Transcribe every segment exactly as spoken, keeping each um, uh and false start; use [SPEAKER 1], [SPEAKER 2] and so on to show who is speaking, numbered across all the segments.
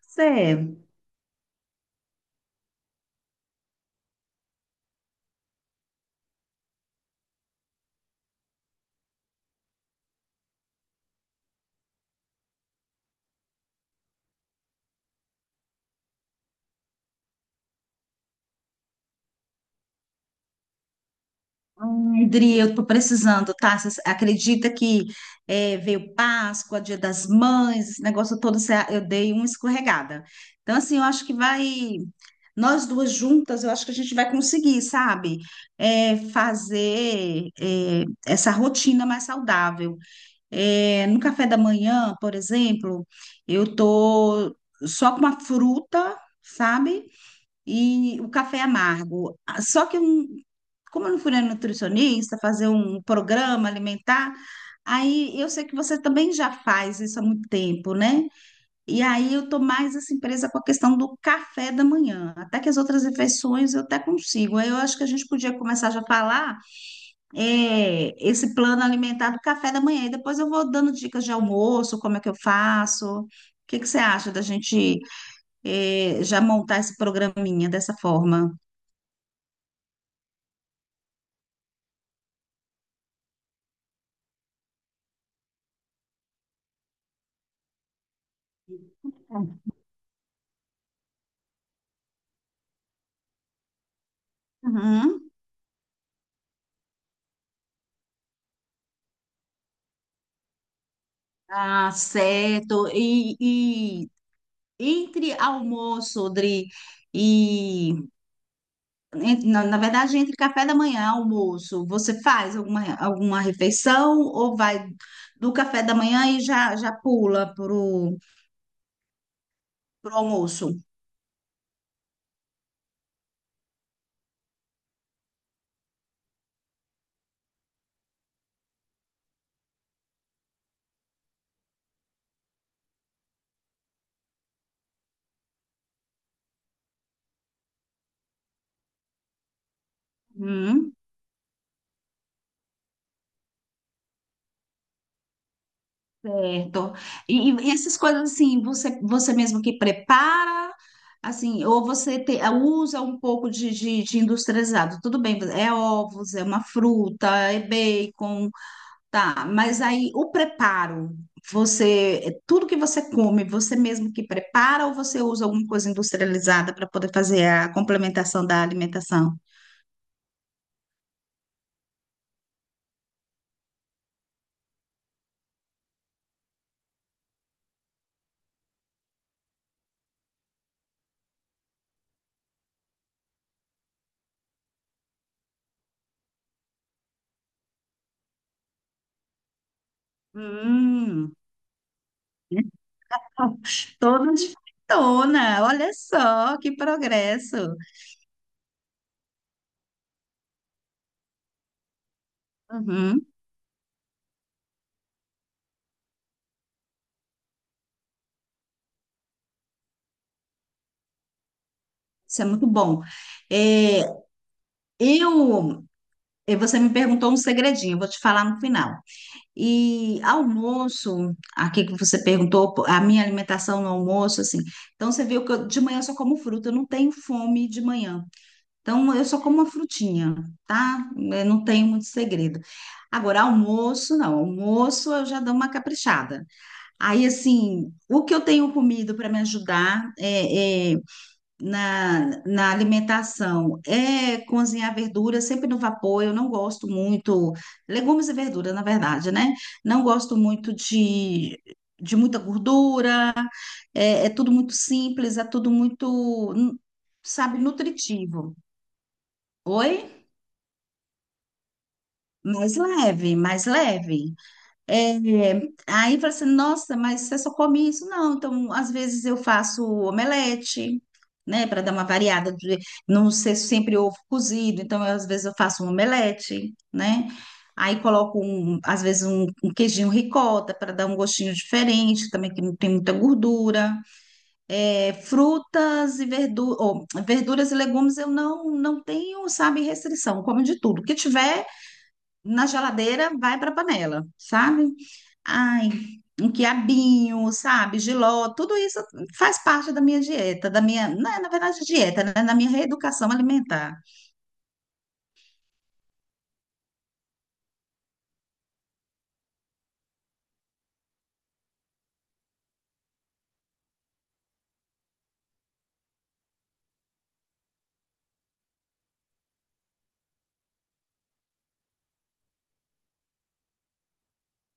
[SPEAKER 1] Você, hum, Adri, eu tô precisando, tá? Você acredita que é, veio Páscoa, Dia das Mães, esse negócio todo, cê- eu dei uma escorregada. Então, assim, eu acho que vai, nós duas juntas, eu acho que a gente vai conseguir, sabe? É, fazer é, essa rotina mais saudável. É, no café da manhã, por exemplo, eu tô só com uma fruta, sabe? E o café amargo. Ah, só que, eu não- como eu não fui na nutricionista, fazer um programa alimentar, aí eu sei que você também já faz isso há muito tempo, né? E aí eu tô mais assim presa com a questão do café da manhã, até que as outras refeições eu até consigo. Aí eu acho que a gente podia começar já a falar é, esse plano alimentar do café da manhã, e depois eu vou dando dicas de almoço, como é que eu faço. O que que você acha da gente é, já montar esse programinha dessa forma? Uhum. Ah, certo. E, e entre almoço, Odri, e en- na, na verdade, entre café da manhã e almoço, você faz alguma, alguma refeição ou vai do café da manhã e já, já pula pro, pro almoço? Uhum. Certo. E, e essas coisas assim, você, você mesmo que prepara, assim, ou você te- ah, usa um pouco de, de, de industrializado. Tudo bem, é ovos, é uma fruta, é bacon, tá. Mas aí o preparo, você, é tudo que você come, você mesmo que prepara ou você usa alguma coisa industrializada para poder fazer a complementação da alimentação? Hum, toda diferentona, olha só que progresso. Uhum. Isso é muito bom. É, eu, eh, você me perguntou um segredinho, eu vou te falar no final. E almoço, aqui que você perguntou, pô, a minha alimentação no almoço, assim. Então você viu que eu- de manhã eu só como fruta, eu não tenho fome de manhã. Então eu só como uma frutinha, tá? Eu não tenho muito segredo. Agora, almoço, não. Almoço eu já dou uma caprichada. Aí, assim, o que eu tenho comido para me ajudar é, é na, na alimentação é cozinhar verdura sempre no vapor. Eu não gosto muito, legumes e verdura, na verdade, né? Não gosto muito de, de muita gordura, é, é tudo muito simples, é tudo muito, sabe, nutritivo. Oi? Mais leve, mais leve. É, aí fala assim, nossa, mas você só come isso? Não, então às vezes eu faço omelete, né, para dar uma variada, de não ser sempre ovo cozido, então às vezes eu faço um omelete, né? Aí coloco, um- às vezes, um, um queijinho ricota para dar um gostinho diferente, também que não tem muita gordura. É, frutas e verduras, verduras e legumes eu não, não tenho, sabe, restrição, como de tudo. O que tiver na geladeira, vai para a panela, sabe? Ai, um quiabinho, sabe, jiló, tudo isso faz parte da minha dieta, da minha, não é, na verdade, dieta, né, da minha reeducação alimentar.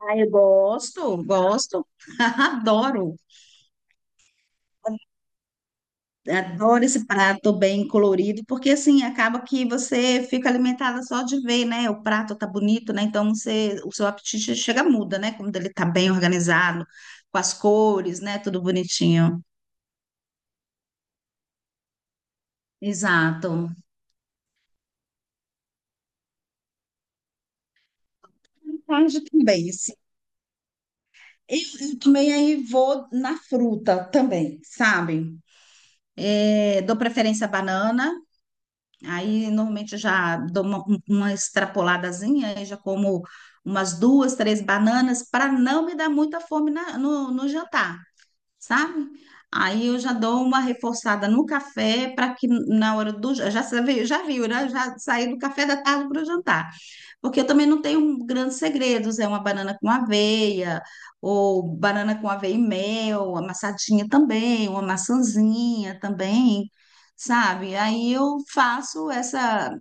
[SPEAKER 1] Ai, eu gosto, gosto, adoro. Adoro esse prato bem colorido, porque assim acaba que você fica alimentada só de ver, né? O prato tá bonito, né? Então você, o seu apetite chega muda, né? Quando ele tá bem organizado, com as cores, né? Tudo bonitinho. Exato. Tarde também. Eu, eu também aí vou na fruta também, sabe? É, dou preferência à banana, aí normalmente eu já dou uma, um, uma extrapoladazinha, aí já como umas duas, três bananas para não me dar muita fome na- no, no jantar, sabe? Aí eu já dou uma reforçada no café para que na hora do... jan- Já, sa- já viu, né? Já saí do café da tarde para o jantar. Porque eu também não tenho grandes segredos, é uma banana com aveia, ou banana com aveia e mel, amassadinha também, uma maçãzinha também, sabe? Aí eu faço essa,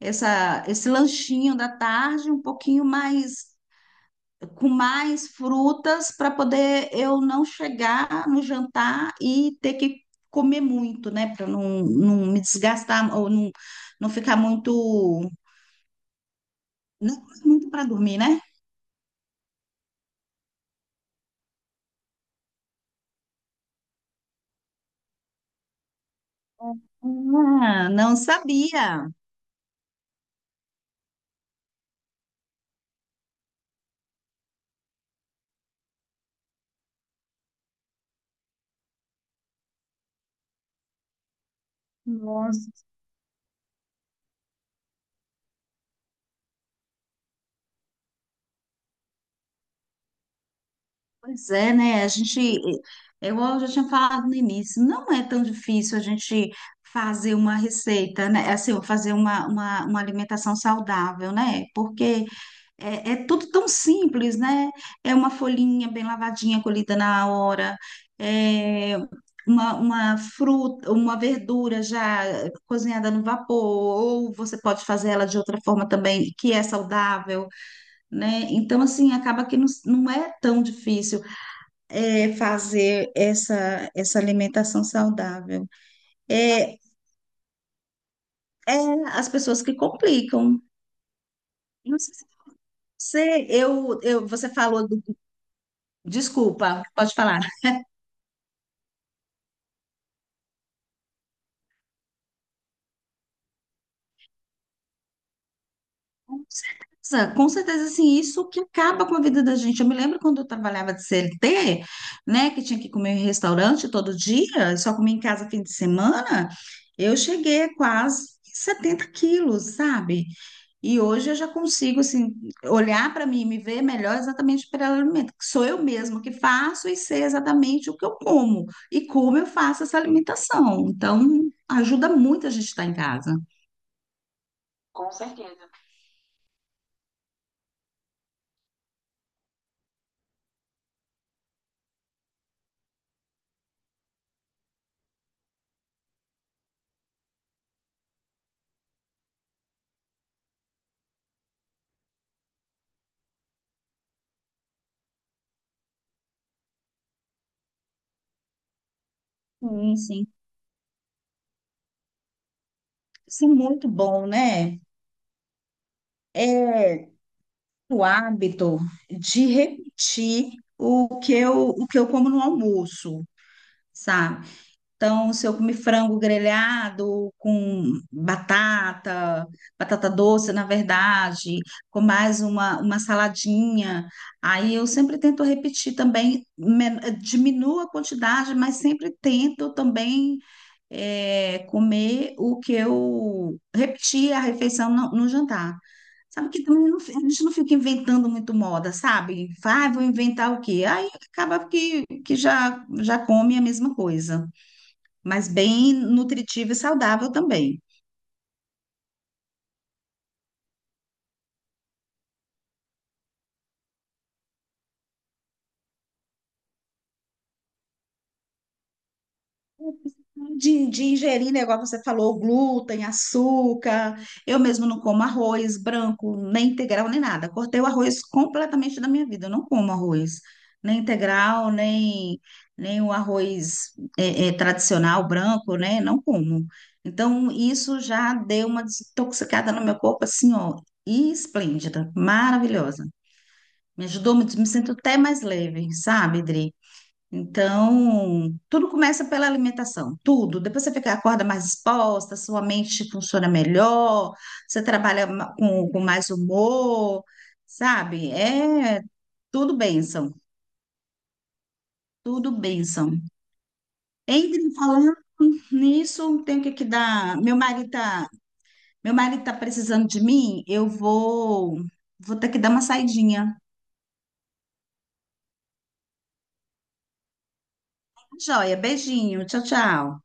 [SPEAKER 1] essa, esse lanchinho da tarde um pouquinho mais, com mais frutas, para poder eu não chegar no jantar e ter que comer muito, né? Para não, não me desgastar ou não, não ficar muito, não muito para dormir, né? Ah, não sabia. Nossa. Pois é, né? A gente, eu já tinha falado no início, não é tão difícil a gente fazer uma receita, né? Assim, fazer uma, uma, uma alimentação saudável, né? Porque é, é tudo tão simples, né? É uma folhinha bem lavadinha, colhida na hora, é uma, uma fruta, uma verdura já cozinhada no vapor, ou você pode fazer ela de outra forma também, que é saudável. Né? Então, assim, acaba que não, não é tão difícil é, fazer essa, essa alimentação saudável. É, é as pessoas que complicam. Não sei se você, eu, eu, você falou do... Desculpa, pode falar. Nossa, com certeza, assim, isso que acaba com a vida da gente. Eu me lembro quando eu trabalhava de C L T, né, que tinha que comer em restaurante todo dia, só comia em casa fim de semana, eu cheguei a quase setenta quilos, sabe? E hoje eu já consigo assim olhar para mim e me ver melhor exatamente pelo alimento, que sou eu mesma que faço e sei exatamente o que eu como e como eu faço essa alimentação. Então, ajuda muito a gente estar em casa. Com certeza. Sim, sim. Isso é muito bom, né? É o hábito de repetir o que eu, o que eu como no almoço, sabe? Então, se eu comer frango grelhado com batata, batata doce, na verdade, com mais uma, uma saladinha, aí eu sempre tento repetir também, men- eh, diminuo a quantidade, mas sempre tento também eh, comer o que eu repetir a refeição no, no jantar. Sabe que também não fi- a gente não fica inventando muito moda, sabe? Vai, vou inventar o quê? Aí acaba que, que já, já come a mesma coisa mas bem nutritivo e saudável também. De, de ingerir, né, igual você falou, glúten, açúcar. Eu mesmo não como arroz branco, nem integral, nem nada. Cortei o arroz completamente da minha vida. Eu não como arroz, nem integral, nem, nem o arroz é, é, tradicional branco, né? Não como. Então, isso já deu uma desintoxicada no meu corpo, assim, ó, esplêndida, maravilhosa. Me ajudou muito, me sinto até mais leve, sabe, Dri? Então, tudo começa pela alimentação, tudo. Depois você fica, acorda mais disposta, sua mente funciona melhor, você trabalha ma- com, com mais humor, sabe? É tudo bênção, tudo bênção. Entre falando nisso, tem que que dar. Meu marido tá, meu marido tá precisando de mim, eu vou, vou ter que dar uma saidinha. Joia, beijinho, tchau, tchau.